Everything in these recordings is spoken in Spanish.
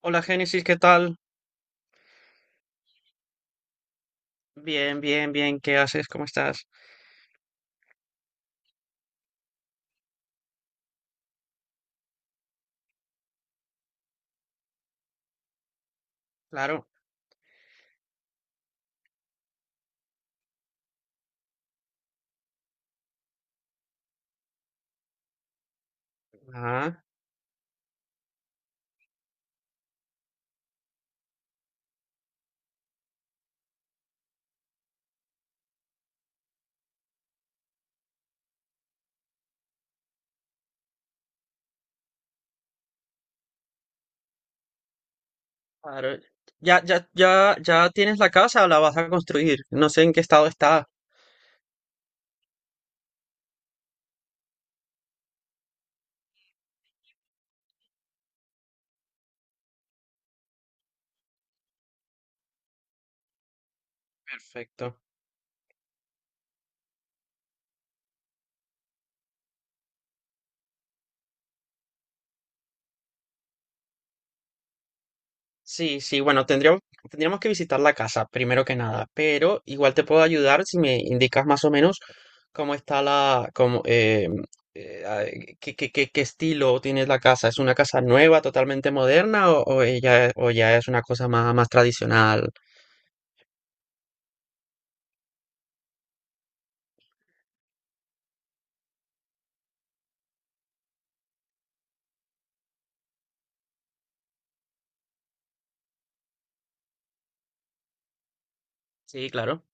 Hola Génesis, ¿qué tal? Bien, bien, bien, ¿qué haces? ¿Cómo estás? Claro. Ah, claro. Ya, ya, ya, ya tienes la casa, la vas a construir. No sé en qué estado está. Perfecto. Sí, sí, bueno, tendríamos que visitar la casa, primero que nada, pero igual te puedo ayudar si me indicas más o menos cómo está la, cómo, ah, qué, qué, qué, qué estilo tienes la casa. ¿Es una casa nueva, totalmente moderna, o ella- o ya es una cosa más, más tradicional? Sí, claro.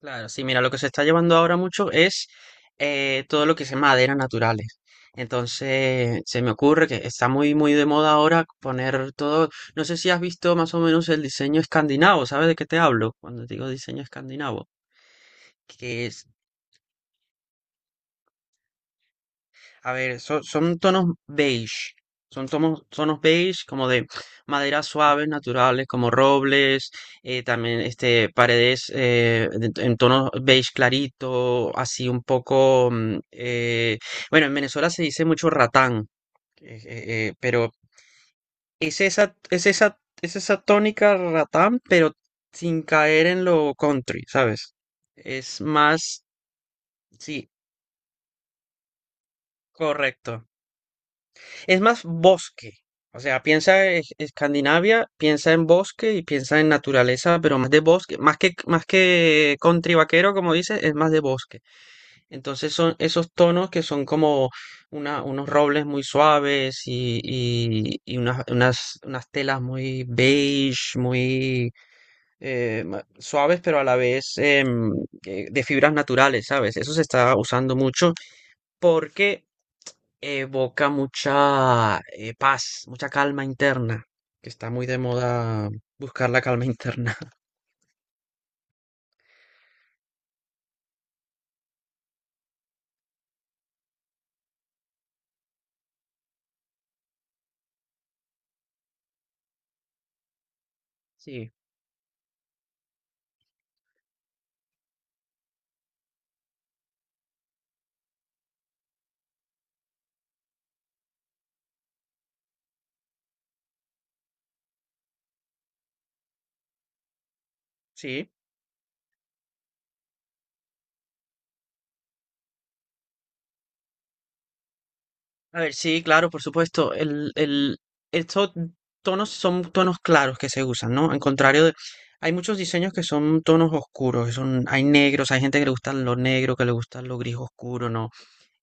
Claro, sí, mira, lo que se está llevando ahora mucho es todo lo que es maderas naturales. Entonces, se me ocurre que está muy, muy de moda ahora poner todo. No sé si has visto más o menos el diseño escandinavo, ¿sabes de qué te hablo? Cuando digo diseño escandinavo, que es. A ver, son, son tonos beige. Son tonos, tonos beige como de maderas suaves, naturales, como robles, también este, paredes de- en tonos beige clarito, así un poco... mm, bueno, en Venezuela se dice mucho ratán, pero es esa tónica ratán, pero sin caer en lo country, ¿sabes? Es más... Sí, correcto. Es más bosque. O sea, piensa en Escandinavia, piensa en bosque y piensa en naturaleza, pero más de bosque, más que country vaquero, como dices, es más de bosque. Entonces son esos tonos que son como una- unos robles muy suaves y unas, unas, unas telas muy beige, muy ma- suaves, pero a la vez de fibras naturales, ¿sabes? Eso se está usando mucho porque evoca mucha paz, mucha calma interna, que está muy de moda buscar la calma interna. Sí, sí. A ver, sí, claro, por supuesto. Estos tonos son tonos claros que se usan, ¿no? Al contrario de... Hay muchos diseños que son tonos oscuros, que son, hay negros, hay gente que le gustan lo negro, que le gustan lo gris oscuro, ¿no?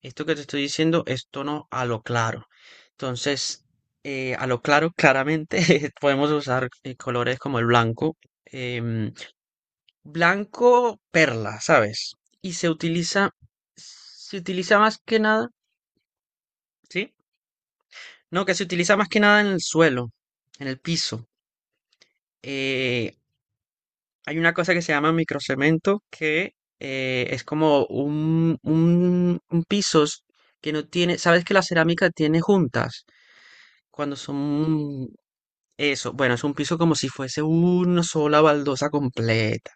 Esto que te estoy diciendo es tono a lo claro. Entonces, a lo claro, claramente podemos usar colores como el blanco, em, blanco perla, ¿sabes? Y se utiliza más que nada, ¿sí? No, que se utiliza más que nada en el suelo, en el piso. Eh, Hay una cosa que se llama microcemento que es como un piso que no tiene, ¿sabes que la cerámica tiene juntas? Cuando son eso, bueno, es un piso como si fuese una sola baldosa completa.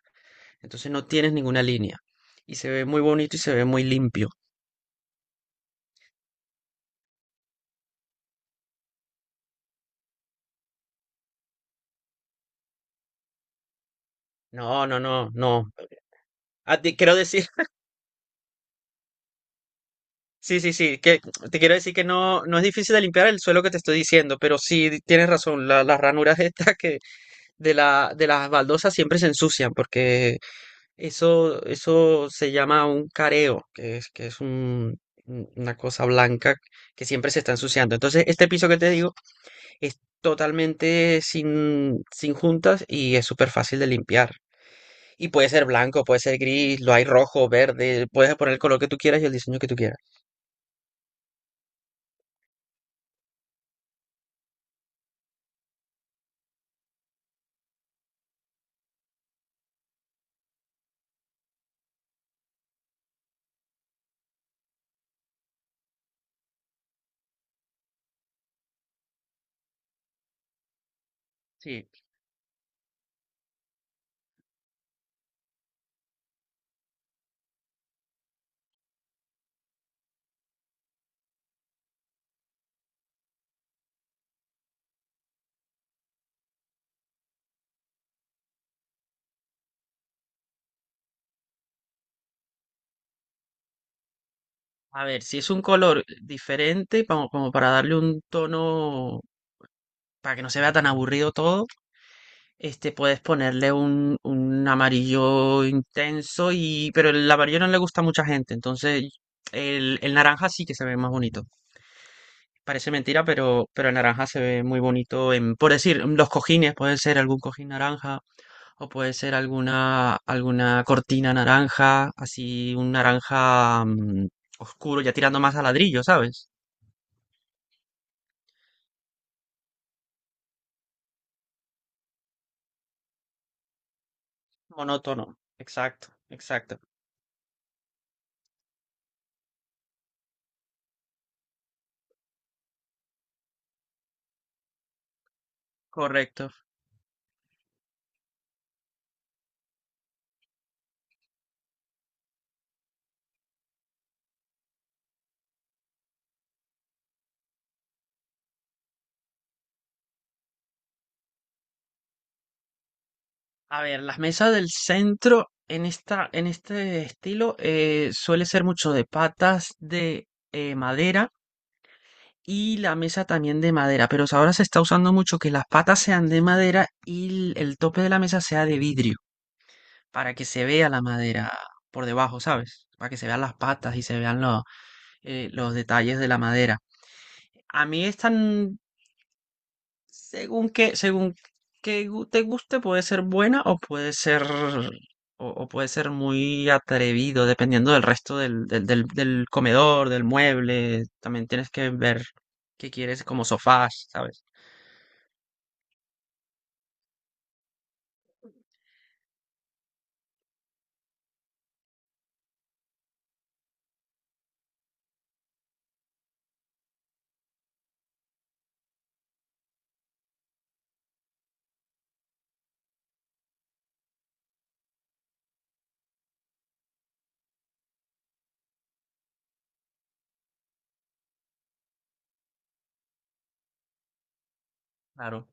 Entonces no tienes ninguna línea. Y se ve muy bonito y se ve muy limpio. No, no, no, no. Ah, te quiero decir, sí, sí, sí, que te quiero decir que no, no es difícil de limpiar el suelo que te estoy diciendo, pero sí di- tienes razón, la- las ranuras estas que de la, de las baldosas siempre se ensucian porque. Eso se llama un careo, que es un- una cosa blanca que siempre se está ensuciando. Entonces, este piso que te digo es totalmente sin, sin juntas y es súper fácil de limpiar. Y puede ser blanco, puede ser gris, lo hay rojo, verde, puedes poner el color que tú quieras y el diseño que tú quieras. Sí, a ver, si es un color diferente, como, como para darle un tono, para que no se vea tan aburrido todo. Este, puedes ponerle un amarillo intenso y, pero el amarillo no le gusta a mucha gente, entonces el naranja sí que se ve más bonito. Parece mentira, pero el naranja se ve muy bonito en, por decir, los cojines, puede ser algún cojín naranja o puede ser alguna, alguna cortina naranja, así un naranja oscuro, ya tirando más a ladrillo, ¿sabes? Monótono. Exacto, exacto. Correcto. A ver, las mesas del centro en esta, en este estilo suele ser mucho de patas de madera y la mesa también de madera, pero ahora se está usando mucho que las patas sean de madera y el tope de la mesa sea de vidrio, para que se vea la madera por debajo, ¿sabes? Para que se vean las patas y se vean lo- los detalles de la madera. A mí esta, n- según que gu- te guste, puede ser buena o puede ser muy atrevido, dependiendo del resto del, del, del- del comedor, del mueble. También tienes que ver qué quieres como sofás, ¿sabes? Claro.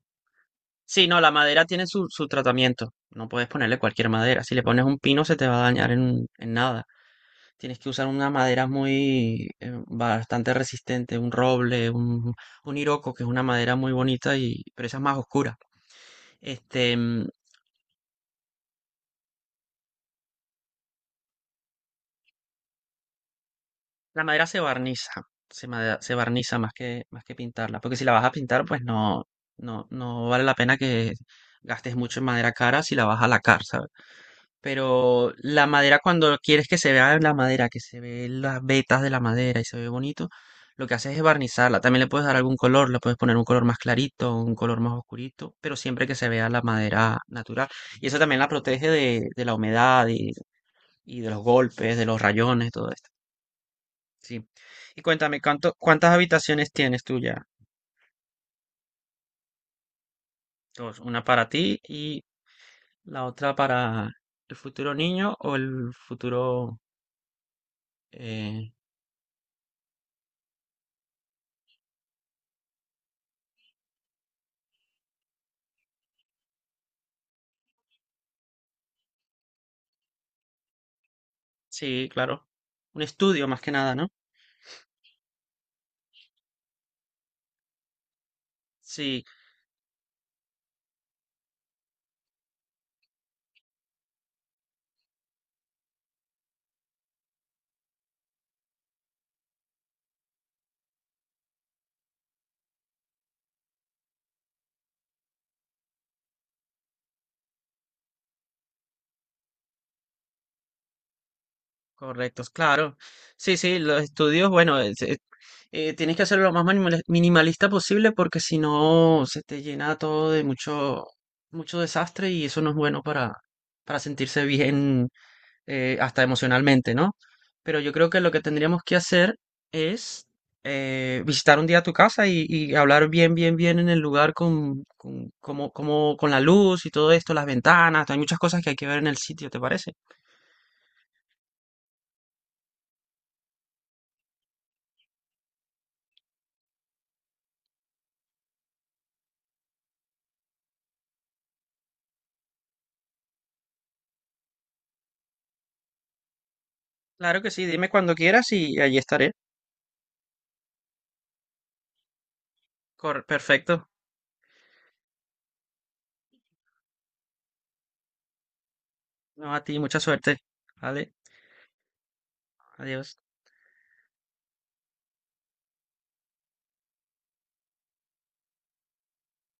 Sí, no, la madera tiene su, su tratamiento. No puedes ponerle cualquier madera. Si le pones un pino, se te va a dañar en nada. Tienes que usar una madera muy, bastante resistente, un roble, un hiroko, que es una madera muy bonita y, pero esa es más oscura. Este, mm, la madera se barniza, se, made- se barniza más que pintarla, porque si la vas a pintar, pues no, no, no vale la pena que gastes mucho en madera cara si la vas a lacar, ¿sabes? Pero la madera, cuando quieres que se vea la madera, que se ve las vetas de la madera y se ve bonito, lo que haces es barnizarla. También le puedes dar algún color, le puedes poner un color más clarito, un color más oscurito, pero siempre que se vea la madera natural. Y eso también la protege de la humedad y de los golpes, de los rayones, todo eso. Sí. Y cuéntame, ¿cuánto, cuántas habitaciones tienes tú ya? Dos, una para ti y la otra para el futuro niño o el futuro... eh, sí, claro. Un estudio más que nada, ¿no? Sí, correctos, claro. Sí, sí, los estudios, bueno, es- tienes que hacerlo lo más manimal- minimalista posible porque si no se te llena todo de mucho, mucho desastre y eso no es bueno para sentirse bien hasta emocionalmente, ¿no? Pero yo creo que lo que tendríamos que hacer es visitar un día tu casa y hablar bien, bien, bien en el lugar con, como, como, con la luz y todo esto, las ventanas, hay muchas cosas que hay que ver en el sitio, ¿te parece? Claro que sí, dime cuando quieras y allí estaré. Cor- perfecto. No, a ti, mucha suerte. Vale, adiós.